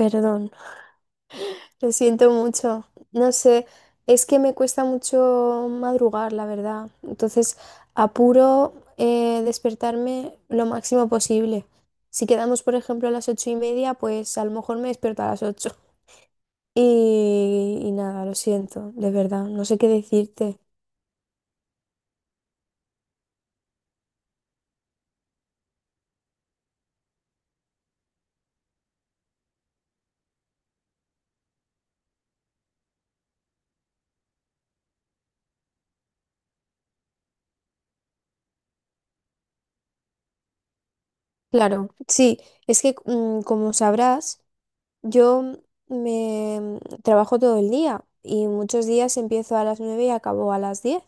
Perdón, lo siento mucho. No sé, es que me cuesta mucho madrugar, la verdad. Entonces, apuro despertarme lo máximo posible. Si quedamos, por ejemplo, a las ocho y media, pues a lo mejor me despierto a las ocho. Y nada, lo siento, de verdad, no sé qué decirte. Claro, sí, es que como sabrás, yo me trabajo todo el día y muchos días empiezo a las nueve y acabo a las diez.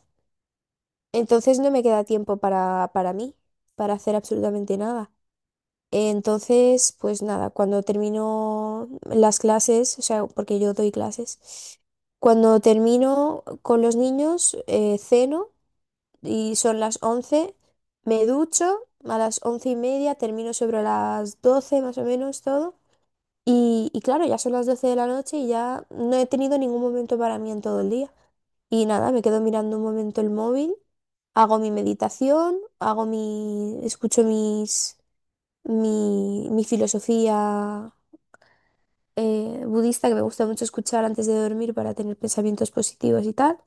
Entonces no me queda tiempo para mí, para hacer absolutamente nada. Entonces, pues nada, cuando termino las clases, o sea, porque yo doy clases, cuando termino con los niños, ceno y son las 11, me ducho, a las once y media termino sobre las 12 más o menos todo. Y claro, ya son las doce de la noche y ya no he tenido ningún momento para mí en todo el día. Y nada, me quedo mirando un momento el móvil, hago mi meditación, hago mi, escucho mis, mi filosofía budista que me gusta mucho escuchar antes de dormir para tener pensamientos positivos y tal.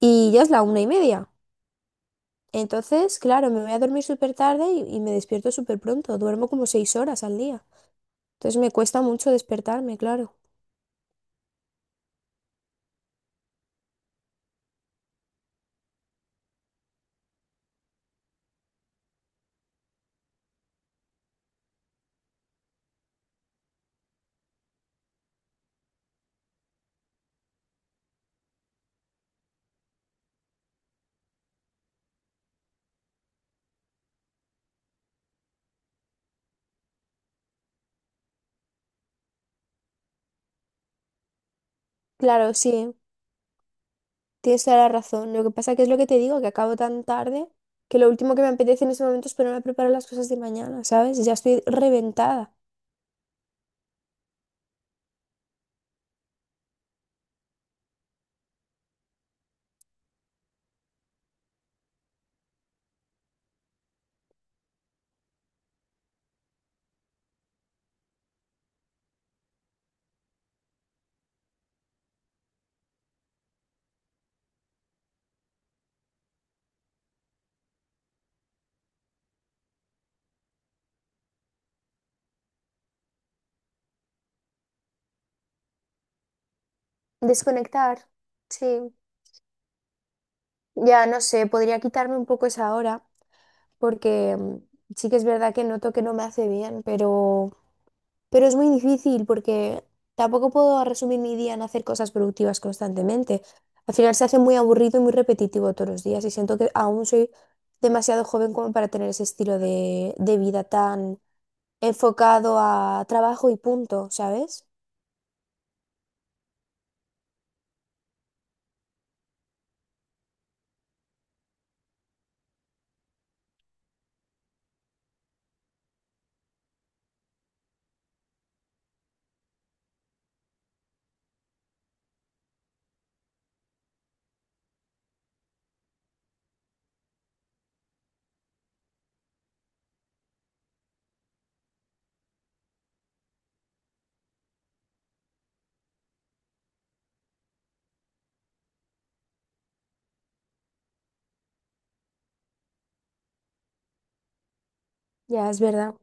Y ya es la una y media. Entonces, claro, me voy a dormir súper tarde y me despierto súper pronto. Duermo como seis horas al día. Entonces me cuesta mucho despertarme, claro. Claro, sí. Tienes toda la razón. Lo que pasa que es lo que te digo, que acabo tan tarde que lo último que me apetece en ese momento es ponerme a preparar las cosas de mañana, ¿sabes? Ya estoy reventada. Desconectar. Sí. Ya no sé, podría quitarme un poco esa hora porque sí que es verdad que noto que no me hace bien, pero es muy difícil porque tampoco puedo resumir mi día en hacer cosas productivas constantemente. Al final se hace muy aburrido y muy repetitivo todos los días y siento que aún soy demasiado joven como para tener ese estilo de vida tan enfocado a trabajo y punto, ¿sabes? Ya, es verdad.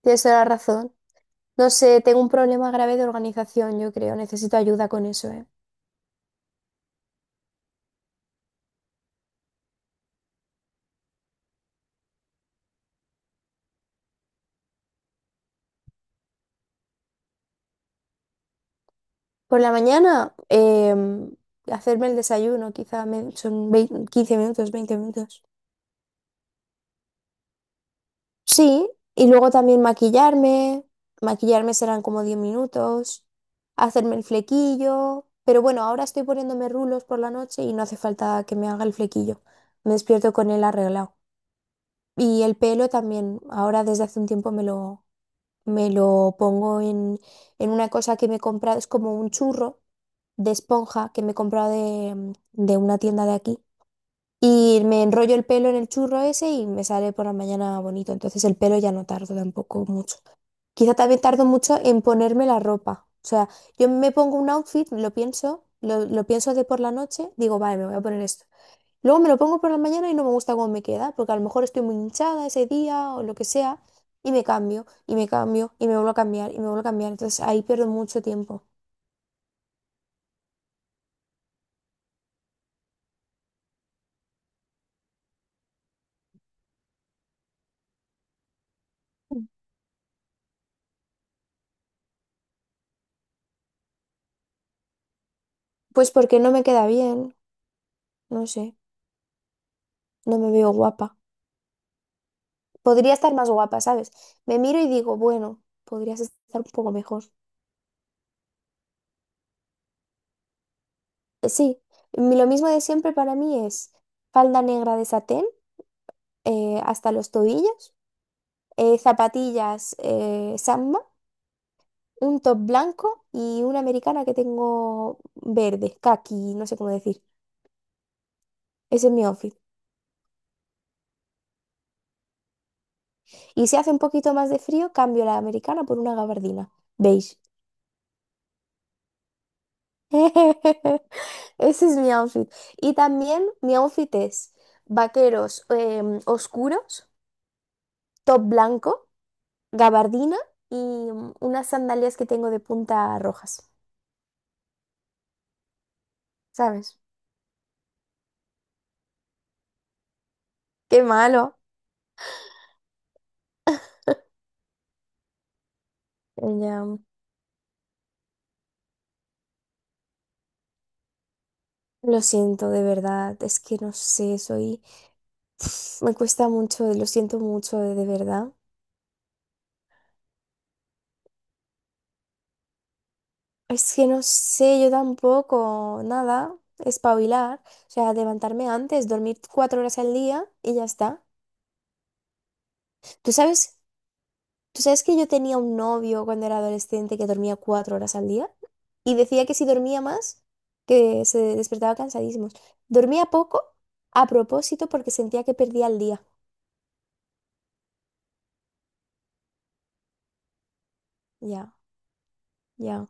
Tienes toda la razón. No sé, tengo un problema grave de organización, yo creo. Necesito ayuda con eso, ¿eh? Por la mañana, hacerme el desayuno, quizá me- son vei- 15 minutos, 20 minutos. Sí, y luego también maquillarme. Maquillarme serán como 10 minutos. Hacerme el flequillo. Pero bueno, ahora estoy poniéndome rulos por la noche y no hace falta que me haga el flequillo. Me despierto con él arreglado. Y el pelo también, ahora desde hace un tiempo me lo pongo en una cosa que me he comprado, es como un churro de esponja que me he comprado de, de una tienda de aquí. Y me enrollo el pelo en el churro ese y me sale por la mañana bonito. Entonces el pelo ya no tardo tampoco mucho. Quizá también tardo mucho en ponerme la ropa. O sea, yo me pongo un outfit, lo pienso, lo pienso de por la noche, digo, vale, me voy a poner esto. Luego me lo pongo por la mañana y no me gusta cómo me queda, porque a lo mejor estoy muy hinchada ese día o lo que sea, y me cambio, y me cambio, y me vuelvo a cambiar, y me vuelvo a cambiar. Entonces ahí pierdo mucho tiempo. Pues porque no me queda bien, no sé, no me veo guapa. Podría estar más guapa, ¿sabes? Me miro y digo, bueno, podrías estar un poco mejor. Sí, lo mismo de siempre para mí es falda negra de satén hasta los tobillos, zapatillas Samba, un top blanco y una americana que tengo verde, caqui, no sé cómo decir. Ese es mi outfit. Y si hace un poquito más de frío, cambio la americana por una gabardina beige. Ese es mi outfit. Y también mi outfit es vaqueros oscuros, top blanco, gabardina y unas sandalias que tengo de punta rojas. ¿Sabes? Qué malo. Ya, lo siento, de verdad. Es que no sé, soy... Me cuesta mucho, lo siento mucho, de verdad. Es que no sé, yo tampoco, nada, espabilar, o sea, levantarme antes, dormir cuatro horas al día y ya está. ¿Tú sabes, tú sabes que yo tenía un novio cuando era adolescente que dormía cuatro horas al día? Y decía que si dormía más, que se despertaba cansadísimo. Dormía poco a propósito porque sentía que perdía el día. Ya, ya,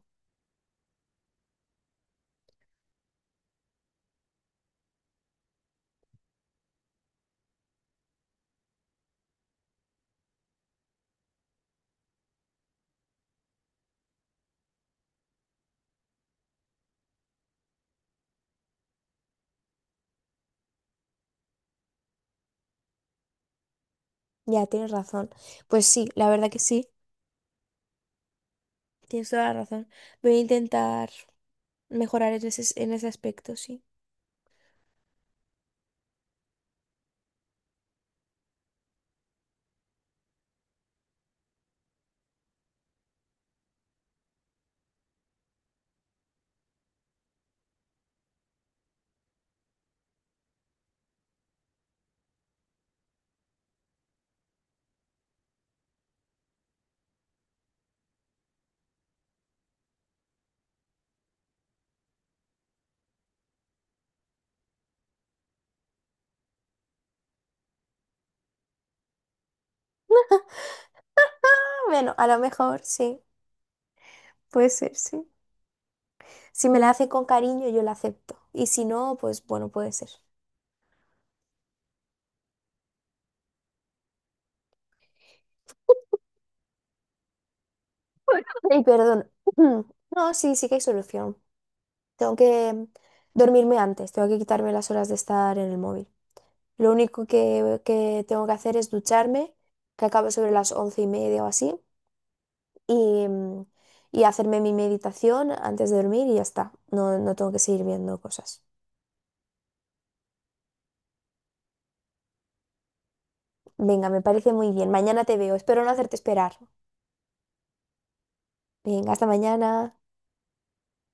ya, tienes razón. Pues sí, la verdad que sí, tienes toda la razón. Voy a intentar mejorar en ese aspecto, sí. Bueno, a lo mejor sí, puede ser, sí. Si me la hace con cariño, yo la acepto. Y si no, pues bueno, puede ser. Y perdón. No, sí, sí que hay solución. Tengo que dormirme antes, tengo que quitarme las horas de estar en el móvil. Lo único que tengo que hacer es ducharme, que acabo sobre las once y media o así, y, y hacerme mi meditación antes de dormir y ya está. No, no tengo que seguir viendo cosas. Venga, me parece muy bien. Mañana te veo. Espero no hacerte esperar. Venga, hasta mañana.